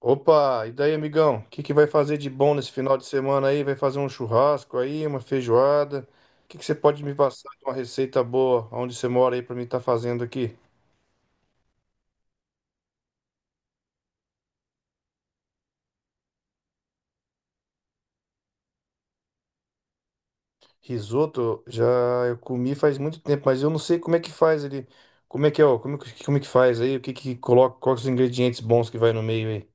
Opa, e daí, amigão? O que que vai fazer de bom nesse final de semana aí? Vai fazer um churrasco aí, uma feijoada? O que que você pode me passar de uma receita boa onde você mora aí pra mim estar fazendo aqui? Risoto, já eu comi faz muito tempo, mas eu não sei como é que faz ele. Como é que é, ó? Como é que faz aí? O que que coloca? Quais os ingredientes bons que vai no meio aí?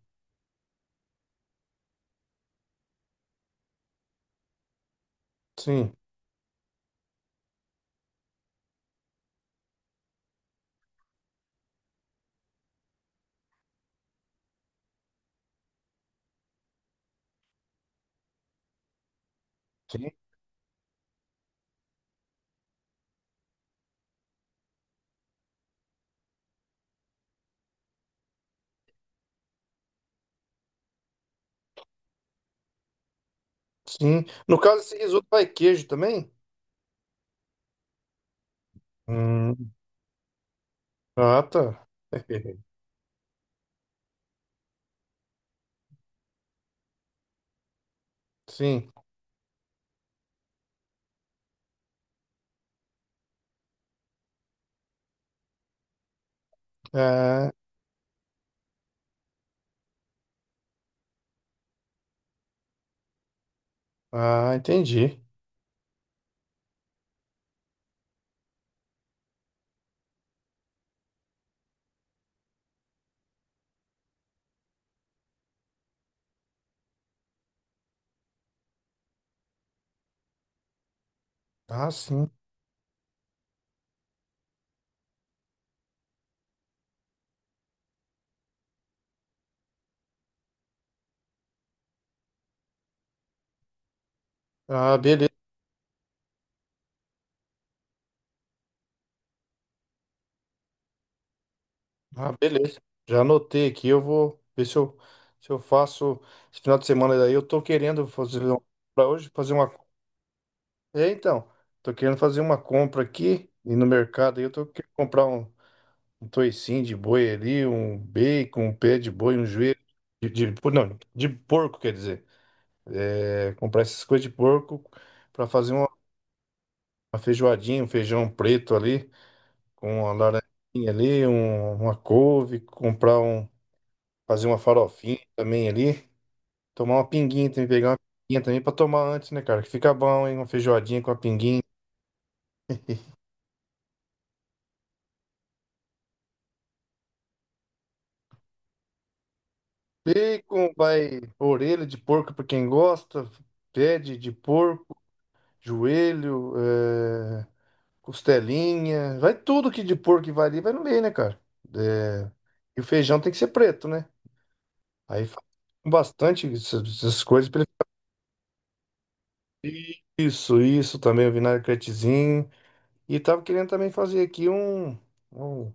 Sim, sim, sim. No caso, esse risoto vai queijo também? Hum, ah, tá. Sim. Ah, ah, entendi. Ah, sim. Ah, beleza. Ah, beleza. Já anotei aqui, eu vou ver se eu, se eu faço esse final de semana daí. Eu tô querendo fazer um, para hoje fazer uma. É, então, tô querendo fazer uma compra aqui e no mercado aí eu tô querendo comprar um toicinho de boi ali, um bacon, um pé de boi, um joelho não, de porco, quer dizer. É, comprar essas coisas de porco para fazer uma feijoadinha, um feijão preto ali, com uma laranjinha ali, uma couve, comprar um. Fazer uma farofinha também ali. Tomar uma pinguinha também, pegar uma pinguinha também pra tomar antes, né, cara? Que fica bom, hein? Uma feijoadinha com a pinguinha. Bacon, vai orelha de porco pra quem gosta, pé de porco, joelho, é, costelinha, vai tudo que de porco que vai ali, vai no meio, né, cara? É, e o feijão tem que ser preto, né? Aí faz com bastante essas coisas pra isso, isso também, o vinagretezinho. E tava querendo também fazer aqui um...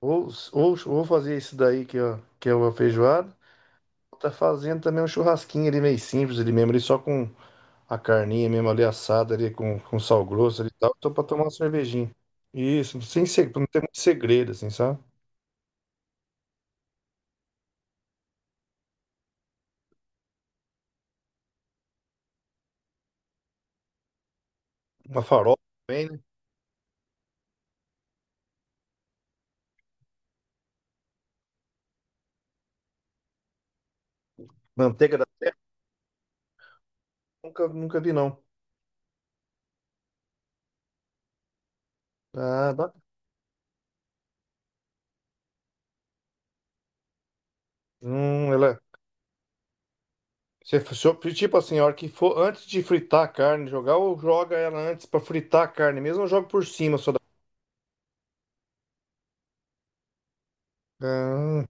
Ou fazer isso daí que, ó, que é uma feijoada. Tá fazendo também um churrasquinho ali meio simples ali mesmo, ali só com a carninha mesmo ali assada ali com sal grosso ali e tal. Tô pra tomar uma cervejinha. Isso, sem segredo, não tem muito segredo, assim, sabe? Uma farofa também, né? Manteiga da terra, nunca vi, não. Ah, bacana. Ela é. Você, tipo assim, a hora que for antes de fritar a carne, jogar, ou joga ela antes pra fritar a carne mesmo, ou joga por cima só da. Ah,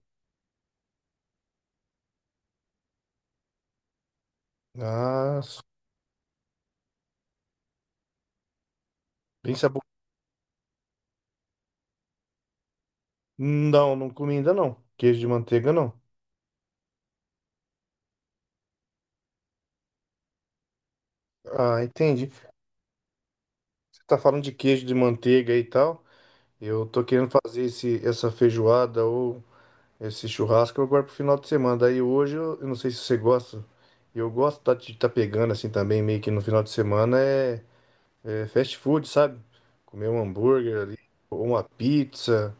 nossa. Bem... Não, não comi ainda não. Queijo de manteiga não. Ah, entendi. Você tá falando de queijo de manteiga e tal. Eu tô querendo fazer esse, essa feijoada ou esse churrasco agora pro final de semana. Daí hoje eu não sei se você gosta. De estar pegando assim também, meio que no final de semana é fast food, sabe? Comer um hambúrguer ali, ou uma pizza.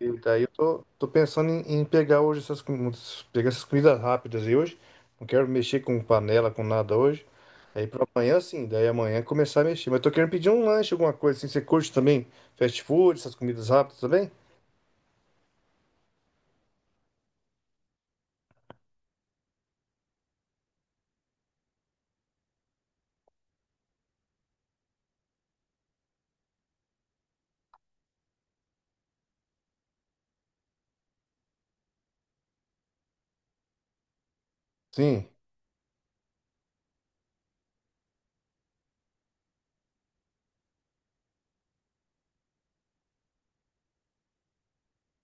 E daí tô pensando em pegar hoje essas, pegar essas comidas rápidas aí hoje. Não quero mexer com panela, com nada hoje. Aí pra amanhã sim, daí amanhã começar a mexer. Mas tô querendo pedir um lanche, alguma coisa assim. Você curte também fast food, essas comidas rápidas também? Sim.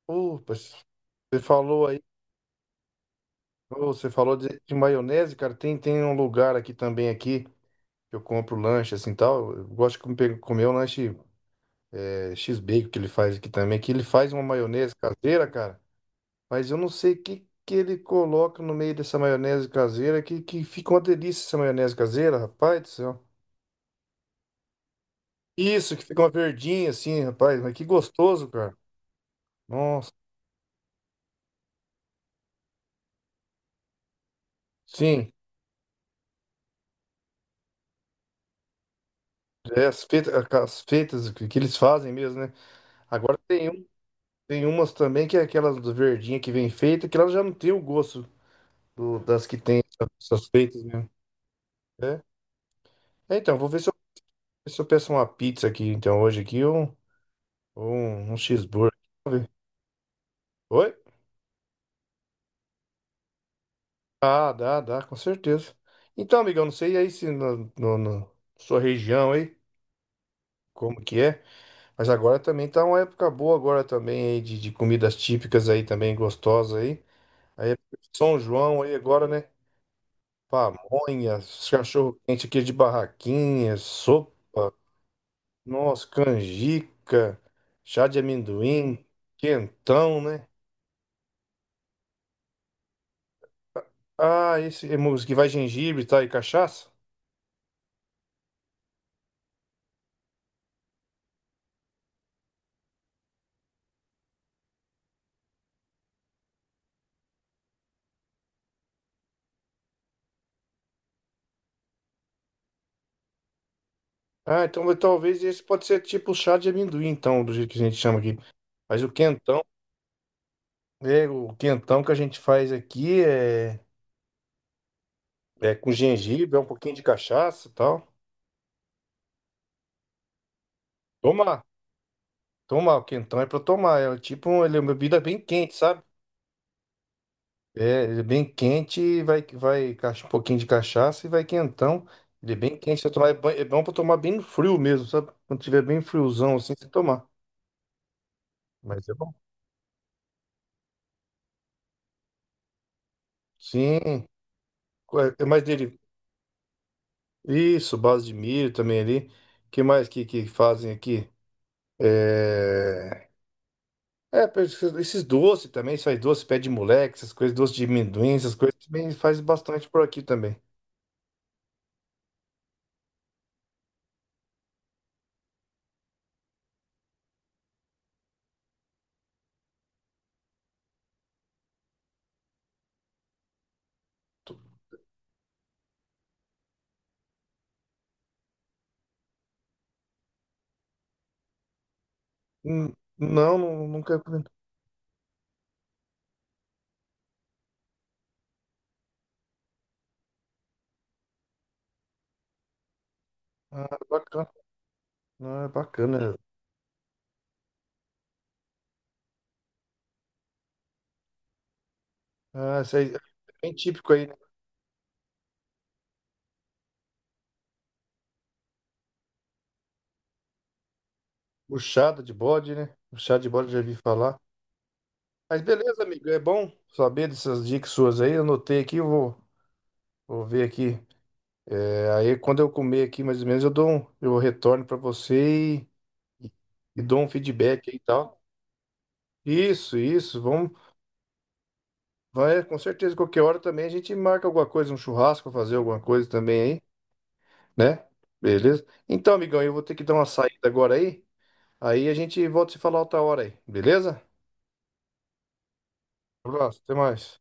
Opa, você falou aí, ô, você falou de maionese, cara. Tem um lugar aqui também aqui que eu compro lanche assim tal. Eu gosto de comer um lanche é, X-Bacon que ele faz aqui também, que ele faz uma maionese caseira, cara. Mas eu não sei que ele coloca no meio dessa maionese caseira, que fica uma delícia essa maionese caseira, rapaz do céu. Isso, que fica uma verdinha assim, rapaz, mas que gostoso, cara. Nossa, sim, é, as feitas que eles fazem mesmo, né? Agora tem, um, tem umas também que é aquelas do verdinha que vem feita, que elas já não tem o gosto das que tem essas feitas mesmo. É, é, então, vou ver se eu, se eu peço uma pizza aqui, então, hoje aqui, um cheeseburger. Vamos ver. Oi? Ah, dá, dá, com certeza. Então, amigão, não sei aí se na sua região aí, como que é, mas agora também tá uma época boa agora também aí de comidas típicas aí também, gostosas aí. Aí é São João aí agora, né? Pamonhas, cachorro-quente aqui de barraquinha, sopa, nossa, canjica, chá de amendoim, quentão, né? Ah, esse é música que vai gengibre, tá? E cachaça? Ah, então mas talvez esse pode ser tipo o chá de amendoim, então, do jeito que a gente chama aqui. Mas o quentão, é, o quentão que a gente faz aqui é com gengibre, é um pouquinho de cachaça e tal. Tomar, tomar o quentão é pra tomar. É tipo, ele é uma bebida bem quente, sabe? É, ele é bem quente, e vai um pouquinho de cachaça e vai quentão. Ele é bem quente, você tomar, é bom pra tomar bem no frio mesmo, sabe? Quando tiver bem friozão assim, você tomar. Mas é bom. Sim, é é mais derivados. Isso, base de milho também ali. Que mais que fazem aqui? É, esses esses doces também, faz doce, pé de moleque, essas coisas, doce de amendoim, essas coisas também faz bastante por aqui também. Hum, Não, nunca comi. Ah, é bacana. Ah, bacana. Ah, isso aí é bem típico aí, né? Buchada de bode, né? Buchada de bode, já vi falar. Mas beleza, amigo, é bom saber dessas dicas suas aí. Eu anotei aqui, vou ver aqui. Aí quando eu comer aqui, mais ou menos, eu retorno para você e dou um feedback aí e tal. Isso, vamos, vai, com certeza, qualquer hora também a gente marca alguma coisa, um churrasco, fazer alguma coisa também aí, né? Beleza? Então, amigão, eu vou ter que dar uma saída agora aí, aí a gente volta a se falar outra hora aí, beleza? Um abraço, até mais.